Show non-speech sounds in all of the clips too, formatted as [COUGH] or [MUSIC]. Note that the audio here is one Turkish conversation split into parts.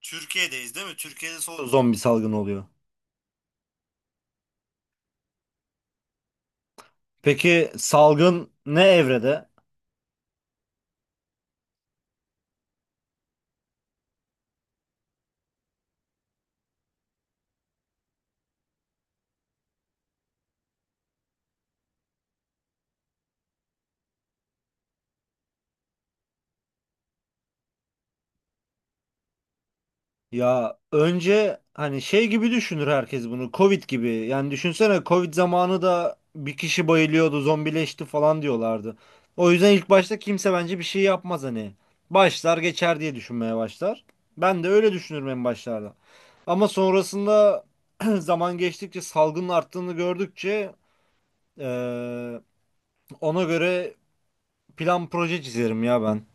Türkiye'deyiz değil mi? Türkiye'de son zombi salgını oluyor. Peki salgın ne evrede? Ya önce hani şey gibi düşünür herkes bunu. Covid gibi. Yani düşünsene Covid zamanı da bir kişi bayılıyordu, zombileşti falan diyorlardı. O yüzden ilk başta kimse bence bir şey yapmaz hani. Başlar geçer diye düşünmeye başlar. Ben de öyle düşünürüm en başlarda. Ama sonrasında [CLEARS THROAT] zaman geçtikçe salgının arttığını gördükçe eee, ona göre plan proje çizerim ya ben.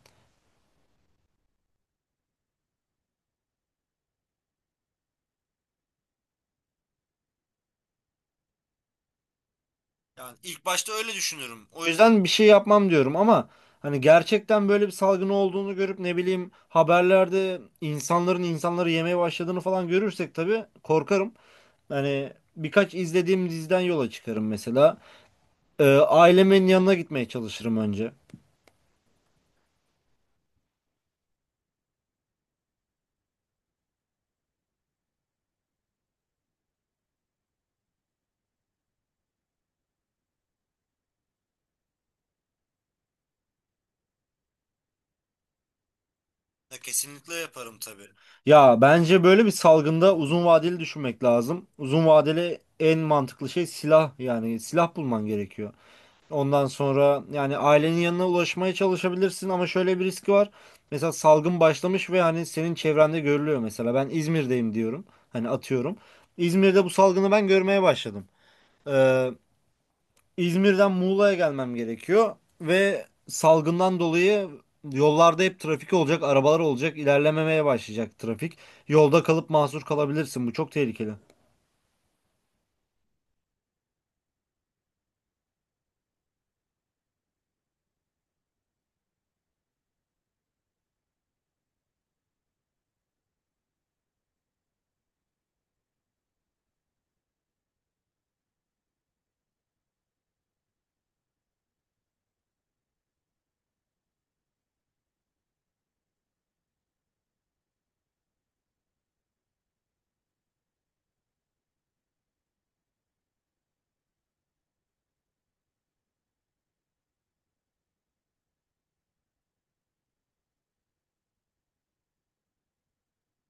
Yani ilk başta öyle düşünüyorum. O yüzden bir şey yapmam diyorum ama hani gerçekten böyle bir salgın olduğunu görüp ne bileyim haberlerde insanların insanları yemeye başladığını falan görürsek tabii korkarım. Hani birkaç izlediğim diziden yola çıkarım mesela. Ailemin yanına gitmeye çalışırım önce. Ya kesinlikle yaparım tabii. Ya bence böyle bir salgında uzun vadeli düşünmek lazım. Uzun vadeli en mantıklı şey silah yani silah bulman gerekiyor. Ondan sonra yani ailenin yanına ulaşmaya çalışabilirsin ama şöyle bir riski var. Mesela salgın başlamış ve hani senin çevrende görülüyor mesela. Ben İzmir'deyim diyorum. Hani atıyorum. İzmir'de bu salgını ben görmeye başladım. Ee, İzmir'den Muğla'ya gelmem gerekiyor ve salgından dolayı yollarda hep trafik olacak, arabalar olacak, ilerlememeye başlayacak trafik. Yolda kalıp mahsur kalabilirsin. Bu çok tehlikeli.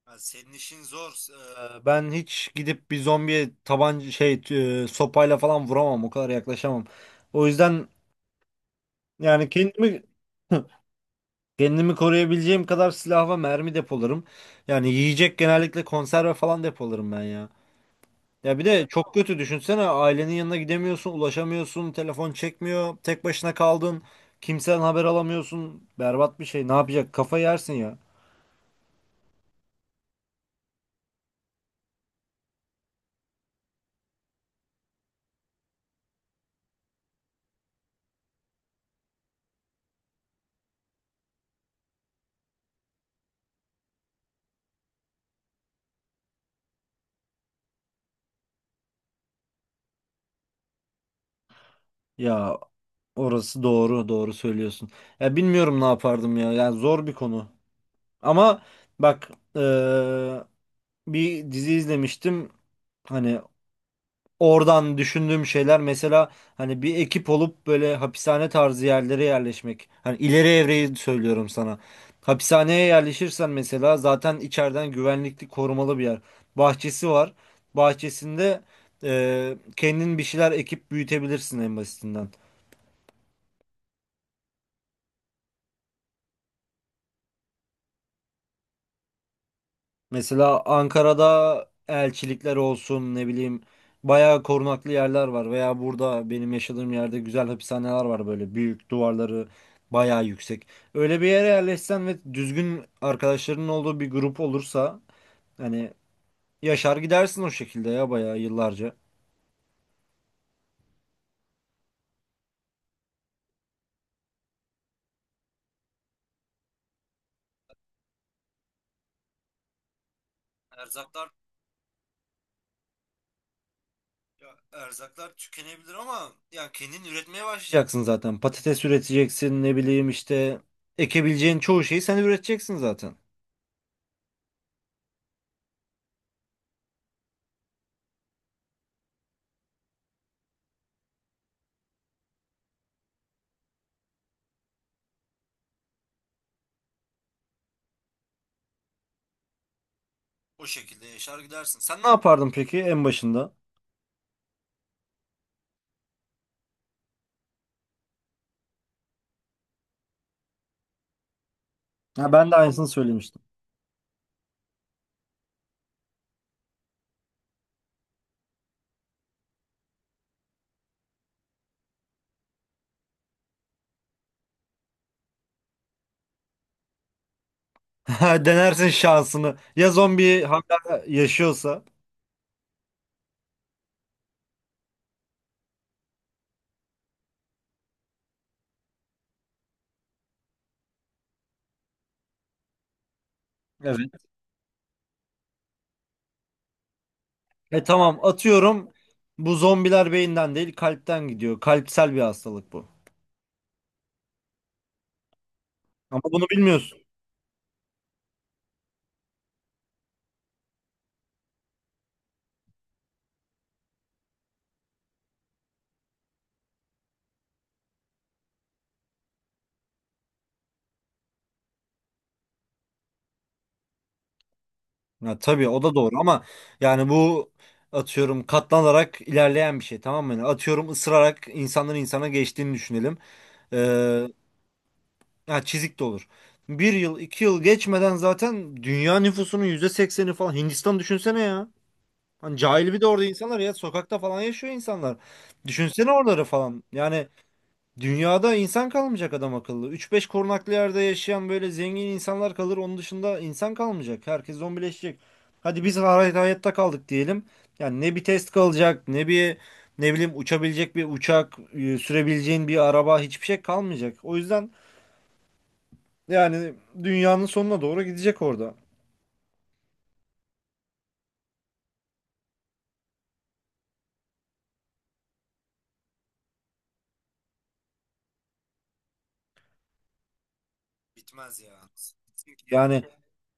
Ya senin işin zor. Ben hiç gidip bir zombiye tabanca şey sopayla falan vuramam. O kadar yaklaşamam. O yüzden yani kendimi [LAUGHS] kendimi koruyabileceğim kadar silah ve mermi depolarım. Yani yiyecek genellikle konserve falan depolarım ben ya. Ya bir de çok kötü düşünsene ailenin yanına gidemiyorsun, ulaşamıyorsun, telefon çekmiyor, tek başına kaldın, kimseden haber alamıyorsun. Berbat bir şey. Ne yapacak? Kafa yersin ya. Ya orası doğru, doğru söylüyorsun. Ya bilmiyorum ne yapardım ya. Yani zor bir konu. Ama bak eee, bir dizi izlemiştim. Hani oradan düşündüğüm şeyler mesela hani bir ekip olup böyle hapishane tarzı yerlere yerleşmek. Hani ileri evreyi söylüyorum sana. Hapishaneye yerleşirsen mesela zaten içeriden güvenlikli korumalı bir yer. Bahçesi var. Bahçesinde kendin bir şeyler ekip büyütebilirsin en basitinden. Mesela Ankara'da elçilikler olsun ne bileyim bayağı korunaklı yerler var veya burada benim yaşadığım yerde güzel hapishaneler var böyle büyük duvarları bayağı yüksek. Öyle bir yere yerleşsen ve düzgün arkadaşlarının olduğu bir grup olursa hani yaşar gidersin o şekilde ya bayağı yıllarca. Erzaklar, ya erzaklar tükenebilir ama ya kendin üretmeye başlayacaksın zaten. Patates üreteceksin ne bileyim işte ekebileceğin çoğu şeyi sen üreteceksin zaten. O şekilde yaşar gidersin. Sen ne yapardın peki en başında? Ha, ben de aynısını söylemiştim. [LAUGHS] Denersin şansını. Ya zombi hala yaşıyorsa. Evet. E tamam atıyorum. Bu zombiler beyinden değil kalpten gidiyor. Kalpsel bir hastalık bu. Ama bunu bilmiyorsun. Ya, tabii o da doğru ama yani bu atıyorum katlanarak ilerleyen bir şey, tamam mı? Yani atıyorum ısırarak insandan insana geçtiğini düşünelim. Ee, Ha, çizik de olur. Bir yıl, 2 yıl geçmeden zaten dünya nüfusunun %80'i falan. Hindistan düşünsene ya. Hani cahil bir de orada insanlar ya. Sokakta falan yaşıyor insanlar. Düşünsene oraları falan. Yani dünyada insan kalmayacak adam akıllı. Üç beş korunaklı yerde yaşayan böyle zengin insanlar kalır. Onun dışında insan kalmayacak. Herkes zombileşecek. Hadi biz hayatta kaldık diyelim. Yani ne bir test kalacak, ne bir ne bileyim uçabilecek bir uçak, sürebileceğin bir araba, hiçbir şey kalmayacak. O yüzden yani dünyanın sonuna doğru gidecek orada. Bitmez ya. Yani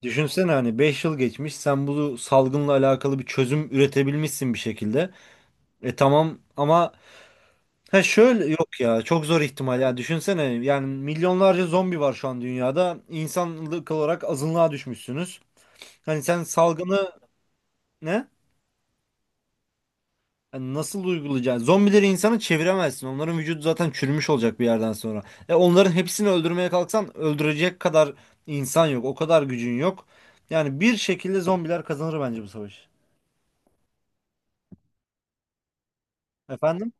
düşünsene hani 5 yıl geçmiş, sen bu salgınla alakalı bir çözüm üretebilmişsin bir şekilde. E tamam ama ha şöyle yok, ya çok zor ihtimal ya, düşünsene yani milyonlarca zombi var şu an dünyada. İnsanlık olarak azınlığa düşmüşsünüz. Hani sen salgını, ne? Hani nasıl uygulayacaksın? Zombileri insana çeviremezsin. Onların vücudu zaten çürümüş olacak bir yerden sonra. E onların hepsini öldürmeye kalksan öldürecek kadar insan yok. O kadar gücün yok. Yani bir şekilde zombiler kazanır bence bu savaşı. Efendim?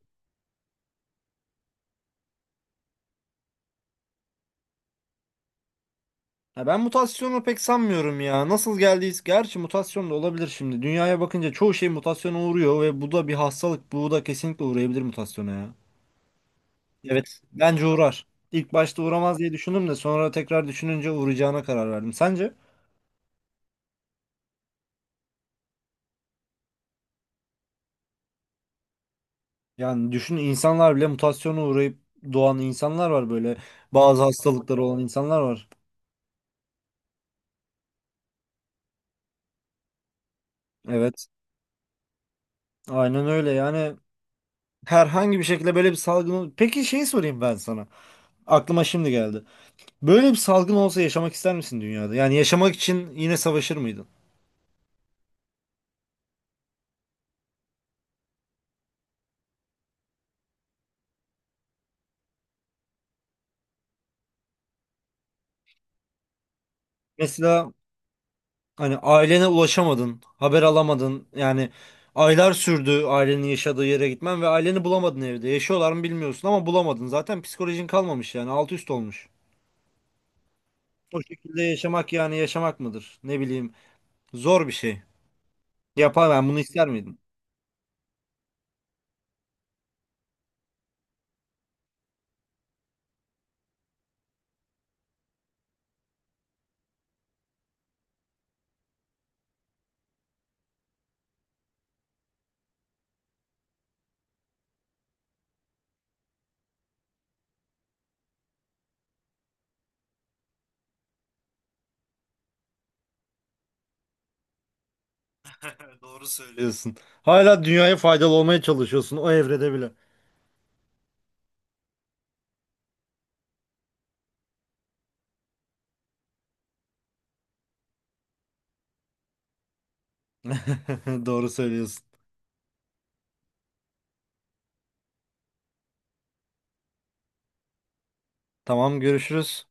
Ya ben mutasyonu pek sanmıyorum ya. Nasıl geldiyiz? Gerçi mutasyon da olabilir şimdi. Dünyaya bakınca çoğu şey mutasyona uğruyor ve bu da bir hastalık. Bu da kesinlikle uğrayabilir mutasyona ya. Evet, bence uğrar. İlk başta uğramaz diye düşündüm de sonra tekrar düşününce uğrayacağına karar verdim. Sence? Yani düşün, insanlar bile mutasyona uğrayıp doğan insanlar var böyle. Bazı hastalıkları olan insanlar var. Evet. Aynen öyle yani herhangi bir şekilde böyle bir salgın... Peki şeyi sorayım ben sana. Aklıma şimdi geldi. Böyle bir salgın olsa yaşamak ister misin dünyada? Yani yaşamak için yine savaşır mıydın? Mesela hani ailene ulaşamadın, haber alamadın. Yani aylar sürdü ailenin yaşadığı yere gitmen ve aileni bulamadın evde. Yaşıyorlar mı bilmiyorsun ama bulamadın. Zaten psikolojin kalmamış yani alt üst olmuş. O şekilde yaşamak yani yaşamak mıdır? Ne bileyim zor bir şey. Yapar ben bunu ister miydim? Doğru söylüyorsun. Hala dünyaya faydalı olmaya çalışıyorsun o evrede bile. [LAUGHS] Doğru söylüyorsun. Tamam görüşürüz.